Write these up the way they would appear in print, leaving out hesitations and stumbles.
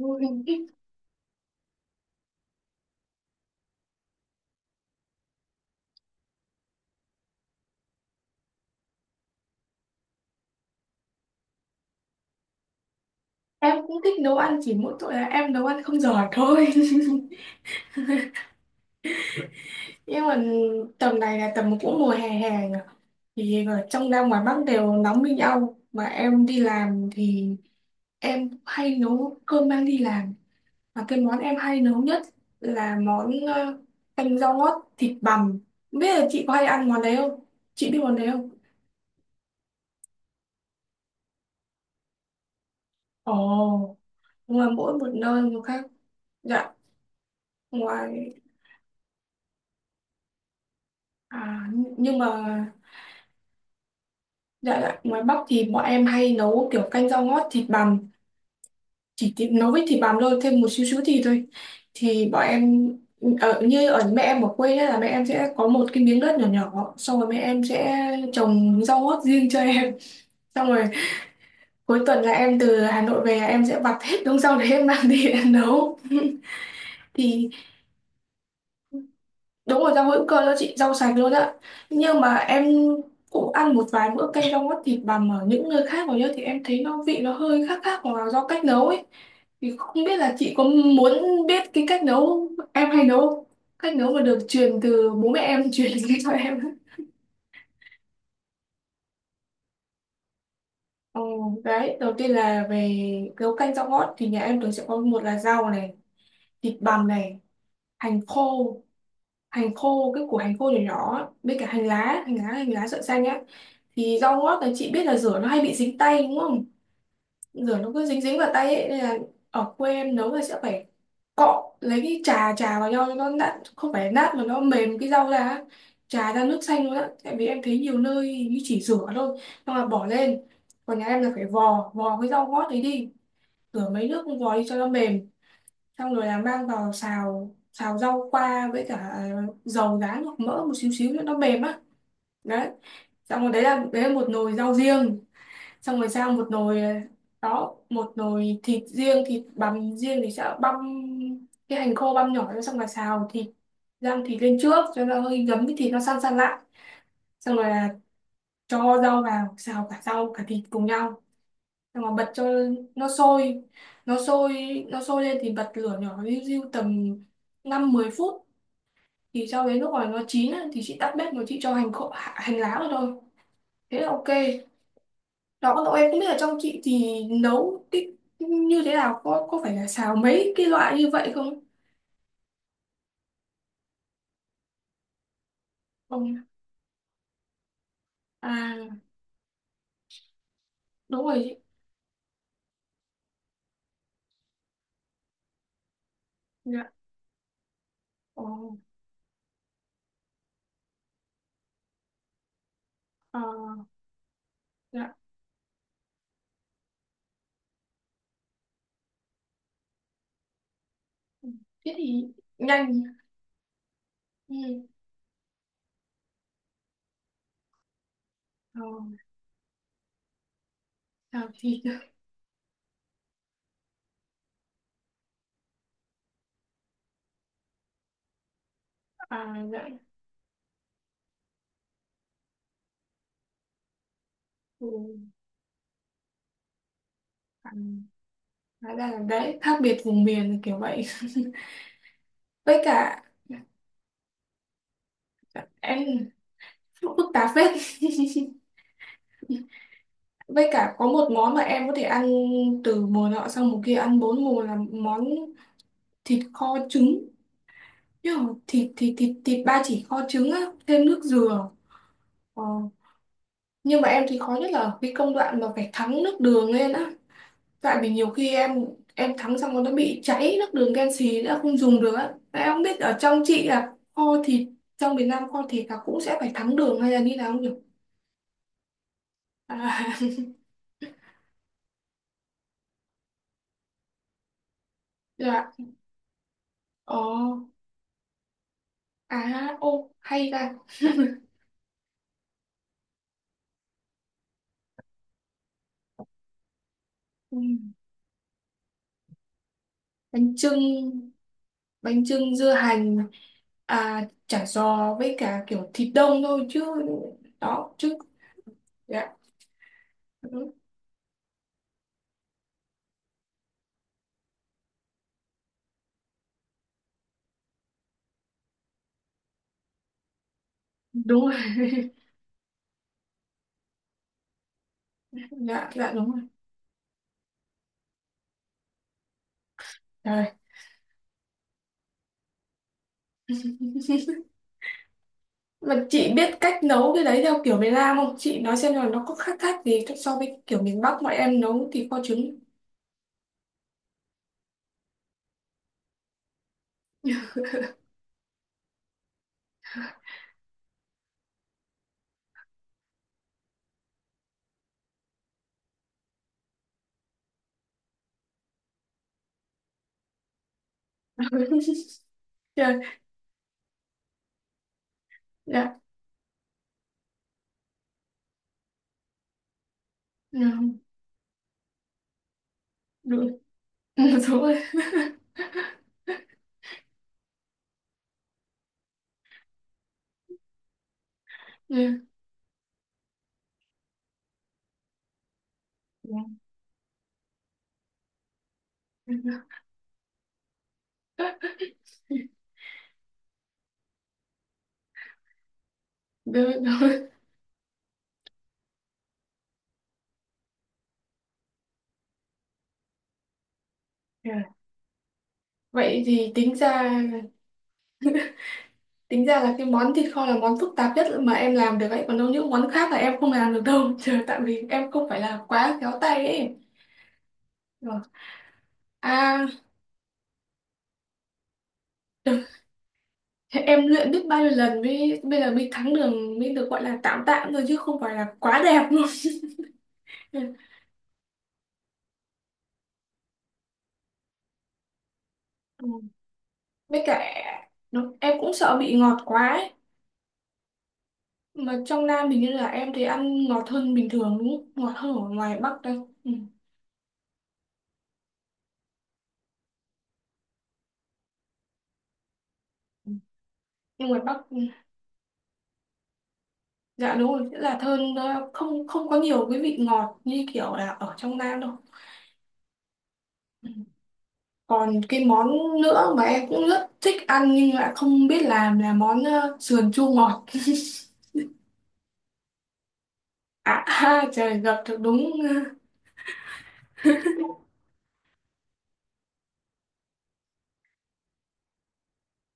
Ôi, em cũng thích nấu ăn chỉ mỗi tội là em nấu ăn không giỏi thôi nhưng mà tầm này là tầm cũng mùa hè hè nhỉ? Thì ở trong Nam ngoài Bắc đều nóng như nhau mà em đi làm thì em hay nấu cơm mang đi làm, và cái món em hay nấu nhất là món canh rau ngót thịt bằm. Không biết là chị có hay ăn món đấy không, chị biết món đấy không? Ồ. Nhưng mà mỗi một nơi một khác. Dạ. ngoài à, nhưng mà, dạ dạ, ngoài Bắc thì bọn em hay nấu kiểu canh rau ngót thịt bằm, chỉ thịt, nấu với thịt bằm thôi, thêm một xíu xíu thịt thôi. Thì bọn em ở như ở mẹ em ở quê ấy, là mẹ em sẽ có một cái miếng đất nhỏ nhỏ, xong rồi mẹ em sẽ trồng rau ngót riêng cho em. Xong rồi cuối tuần là em từ Hà Nội về, em sẽ vặt hết đống rau đấy em mang đi em nấu. Thì đúng rồi, rau hữu cơ đó chị, rau sạch luôn ạ. Nhưng mà em cũng ăn một vài bữa canh rau ngót thịt bằm ở những nơi khác rồi nhá, thì em thấy nó vị nó hơi khác khác hoặc là do cách nấu ấy. Thì không biết là chị có muốn biết cái cách nấu em hay nấu không? Cách nấu mà được truyền từ bố mẹ em truyền đến cho em. Ừ, đấy, đầu tiên là về nấu canh rau ngót thì nhà em thường sẽ có một là rau này, thịt bằm này, hành khô, hành khô cái củ hành khô nhỏ nhỏ á, với cả hành lá, hành lá, hành lá sợi xanh á. Thì rau ngót đấy chị biết là rửa nó hay bị dính tay đúng không? Rửa nó cứ dính dính vào tay ấy, nên là ở quê em nấu là sẽ phải cọ, lấy cái trà trà vào nhau cho nó nát, không phải nát mà nó mềm cái rau ra á. Trà ra nước xanh luôn á, tại vì em thấy nhiều nơi như chỉ rửa thôi xong là bỏ lên, còn nhà em là phải vò vò cái rau ngót đấy đi, rửa mấy nước, vò đi cho nó mềm. Xong rồi là mang vào xào, xào rau qua với cả dầu rán hoặc mỡ một xíu xíu nữa nó mềm á. Đấy. Xong rồi đấy là một nồi rau riêng. Xong rồi sang một nồi đó, một nồi thịt riêng, thịt bằm riêng thì sẽ băm cái hành khô băm nhỏ ra, xong rồi xào thịt, rang thịt lên trước cho nó hơi ngấm, cái thịt nó săn săn lại, xong rồi là cho rau vào xào cả rau cả thịt cùng nhau, xong rồi bật cho nó sôi, nó sôi, nó sôi lên thì bật lửa nhỏ riu riu tầm 5-10 phút, thì sau đấy lúc mà nó chín á, thì chị tắt bếp rồi chị cho hành khô hành lá vào thôi, thế là ok. Đó, cậu em không biết là trong chị thì nấu cái như thế nào, có phải là xào mấy cái loại như vậy không? Ừ. À, đúng rồi chị. Dạ. Ờ. Ờ, dạ. Thế thì nhanh. Ừ. Ờ, xào thịt. À, dạ. Ừ. À, hóa ra là đấy, khác biệt vùng miền là kiểu vậy. Với cả em phức tạp phết. Với cả có một món mà em có thể ăn từ mùa nọ sang mùa kia, ăn bốn mùa, là món thịt kho trứng. Nhưng mà thịt thịt thịt thịt ba chỉ kho trứng á, thêm nước dừa. Ờ. Nhưng mà em thì khó nhất là cái công đoạn mà phải thắng nước đường lên á. Tại vì nhiều khi em thắng xong nó bị cháy, nước đường đen xì đã không dùng được á. Mà em không biết ở trong chị là kho thịt trong miền Nam, kho thịt là cũng sẽ phải thắng đường hay là như nào không nhỉ? À. Dạ. Ờ. À, ô hay ra. Ừ. Bánh chưng, bánh chưng, dưa hành, chả giò với cả kiểu thịt đông thôi chứ. Đó chứ. Dạ đúng, đúng rồi. Dạ dạ đúng rồi. Trời. Mà chị biết cách nấu cái đấy theo kiểu miền Nam không, chị nói xem là nó có khác khác gì so với kiểu miền Bắc mọi em nấu thì kho trứng. Trời. Dạ. Ừ, đúng. Ừ, đúng rồi. Dạ. Dạ. Được rồi. Dạ. Vậy thì tính ra là cái món thịt kho là món phức tạp nhất mà em làm được, vậy còn đâu những món khác là em không làm được đâu, trời, tại vì em không phải là quá khéo tay ấy. Rồi. à Thế em luyện biết bao nhiêu lần mới bây giờ mới thắng đường mới được gọi là tạm tạm thôi, chứ không phải là quá đẹp luôn. Ừ. Với cả nó, em cũng sợ bị ngọt quá ấy. Mà trong Nam hình như là em thì ăn ngọt hơn bình thường đúng không? Ngọt hơn ở ngoài Bắc đây. Ừ. Nhưng ngoài Bắc, ừ, dạ đúng rồi, nghĩa là thơm, nó không không có nhiều cái vị ngọt như kiểu là ở trong Nam đâu. Ừ. Còn cái món nữa mà em cũng rất thích ăn nhưng lại không biết làm là món sườn chua ngọt. À. Trời, gặp được đúng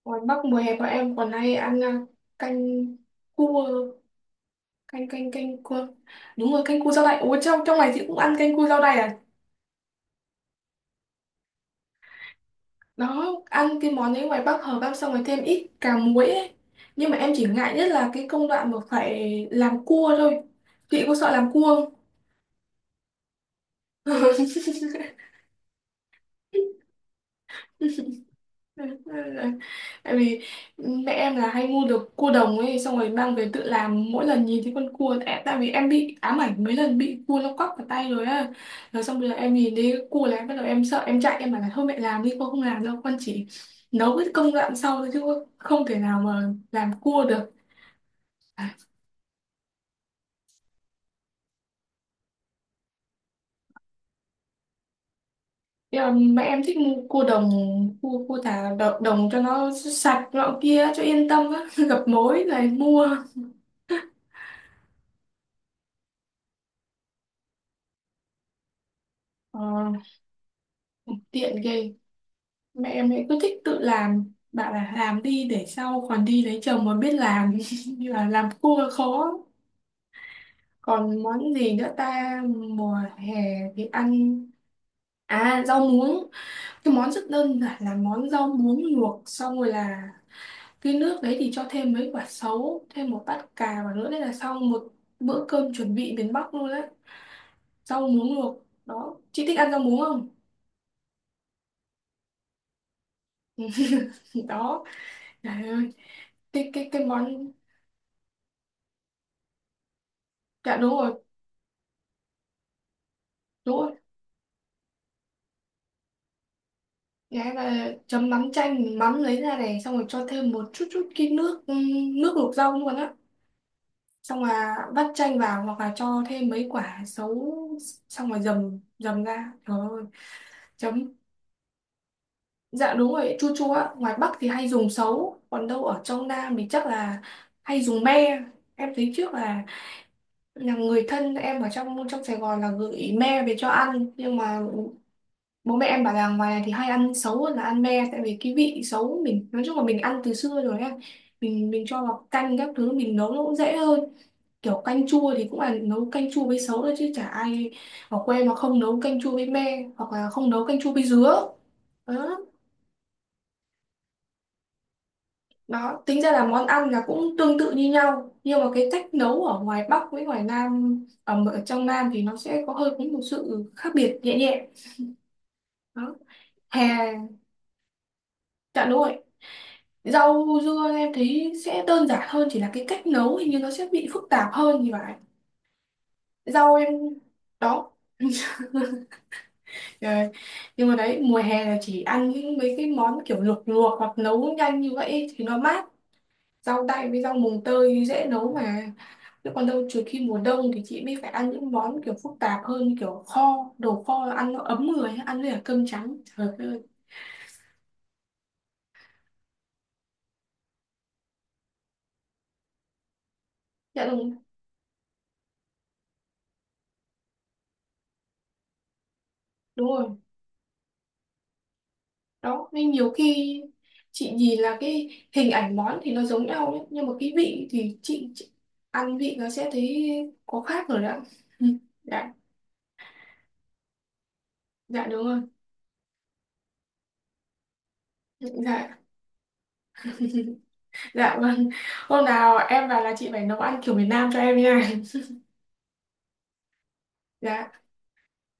ngoài Bắc mùa hè bọn em còn hay ăn canh cua, canh canh canh cua, đúng rồi, canh cua rau đay. Ủa, trong trong này chị cũng ăn canh cua rau đay à? Đó, ăn cái món đấy ngoài Bắc hợp, ăn xong rồi thêm ít cà muối ấy. Nhưng mà em chỉ ngại nhất là cái công đoạn mà phải làm cua thôi. Chị có sợ làm cua không? Tại vì mẹ em là hay mua được cua đồng ấy, xong rồi mang về tự làm, mỗi lần nhìn thấy con cua, tại vì em bị ám ảnh mấy lần bị cua nó quắp vào tay rồi á. Rồi xong bây giờ em nhìn thấy cua là em bắt đầu em sợ, em chạy, em bảo là thôi mẹ làm đi, con không làm đâu, con chỉ nấu cái công đoạn sau thôi, chứ không thể nào mà làm cua được. Nhưng mà mẹ em thích mua cua đồng, cua cua thả đồng, đồng cho nó sạch nọ kia cho yên tâm á. Gặp mối này mua ờ, tiện ghê. Mẹ em ấy cứ thích tự làm, bảo là làm đi để sau còn đi lấy chồng mà biết làm. Như là làm cua khó. Còn món gì nữa ta, mùa hè thì ăn rau muống. Cái món rất đơn giản là món rau muống luộc, xong rồi là cái nước đấy thì cho thêm mấy quả sấu, thêm một bát cà vào nữa, đấy là xong một bữa cơm chuẩn bị miền Bắc luôn đấy. Rau muống luộc, đó, chị thích ăn rau muống không? Đó. Trời ơi. Cái món, dạ đúng rồi, đúng rồi. Đấy, và chấm mắm chanh, mình mắm lấy ra này, xong rồi cho thêm một chút chút cái nước, nước luộc rau luôn á, xong là vắt chanh vào hoặc là cho thêm mấy quả sấu, xong rồi dầm dầm ra, trời ơi. Chấm. Dạ đúng rồi, chua chua á, ngoài Bắc thì hay dùng sấu còn đâu ở trong Nam thì chắc là hay dùng me. Em thấy trước là người thân em ở trong trong Sài Gòn là gửi me về cho ăn, nhưng mà bố mẹ em bảo là ngoài này thì hay ăn xấu hơn là ăn me, tại vì cái vị xấu mình nói chung là mình ăn từ xưa rồi em, mình cho vào canh các thứ mình nấu nó cũng dễ hơn. Kiểu canh chua thì cũng là nấu canh chua với xấu thôi, chứ chả ai ở quê mà không nấu canh chua với me, hoặc là không nấu canh chua với dứa. Đó. Đó, tính ra là món ăn là cũng tương tự như nhau, nhưng mà cái cách nấu ở ngoài Bắc với ngoài Nam, ở trong Nam thì nó sẽ có hơi có một sự khác biệt nhẹ nhẹ. Đó. Hè. Dạ đúng rồi. Rau dưa em thấy sẽ đơn giản hơn, chỉ là cái cách nấu hình như nó sẽ bị phức tạp hơn thì phải. Rau em, đó. Ờ, nhưng mà đấy mùa hè là chỉ ăn những mấy cái món kiểu luộc luộc hoặc nấu nhanh như vậy ấy thì nó mát. Rau đay với rau mùng tơi dễ nấu mà. Chứ còn đâu trừ khi mùa đông thì chị mới phải ăn những món kiểu phức tạp hơn, kiểu kho, đồ kho, ăn nó ấm người, ăn với cả cơm trắng. Trời ơi. Dạ đúng, đúng rồi. Đó nên nhiều khi chị nhìn là cái hình ảnh món thì nó giống nhau đấy, nhưng mà cái vị thì chị ăn vị nó sẽ thấy có khác rồi đó. Ừ, dạ dạ đúng rồi, dạ dạ vâng. Hôm nào em vào là chị phải nấu ăn kiểu miền Nam cho em nha. Dạ.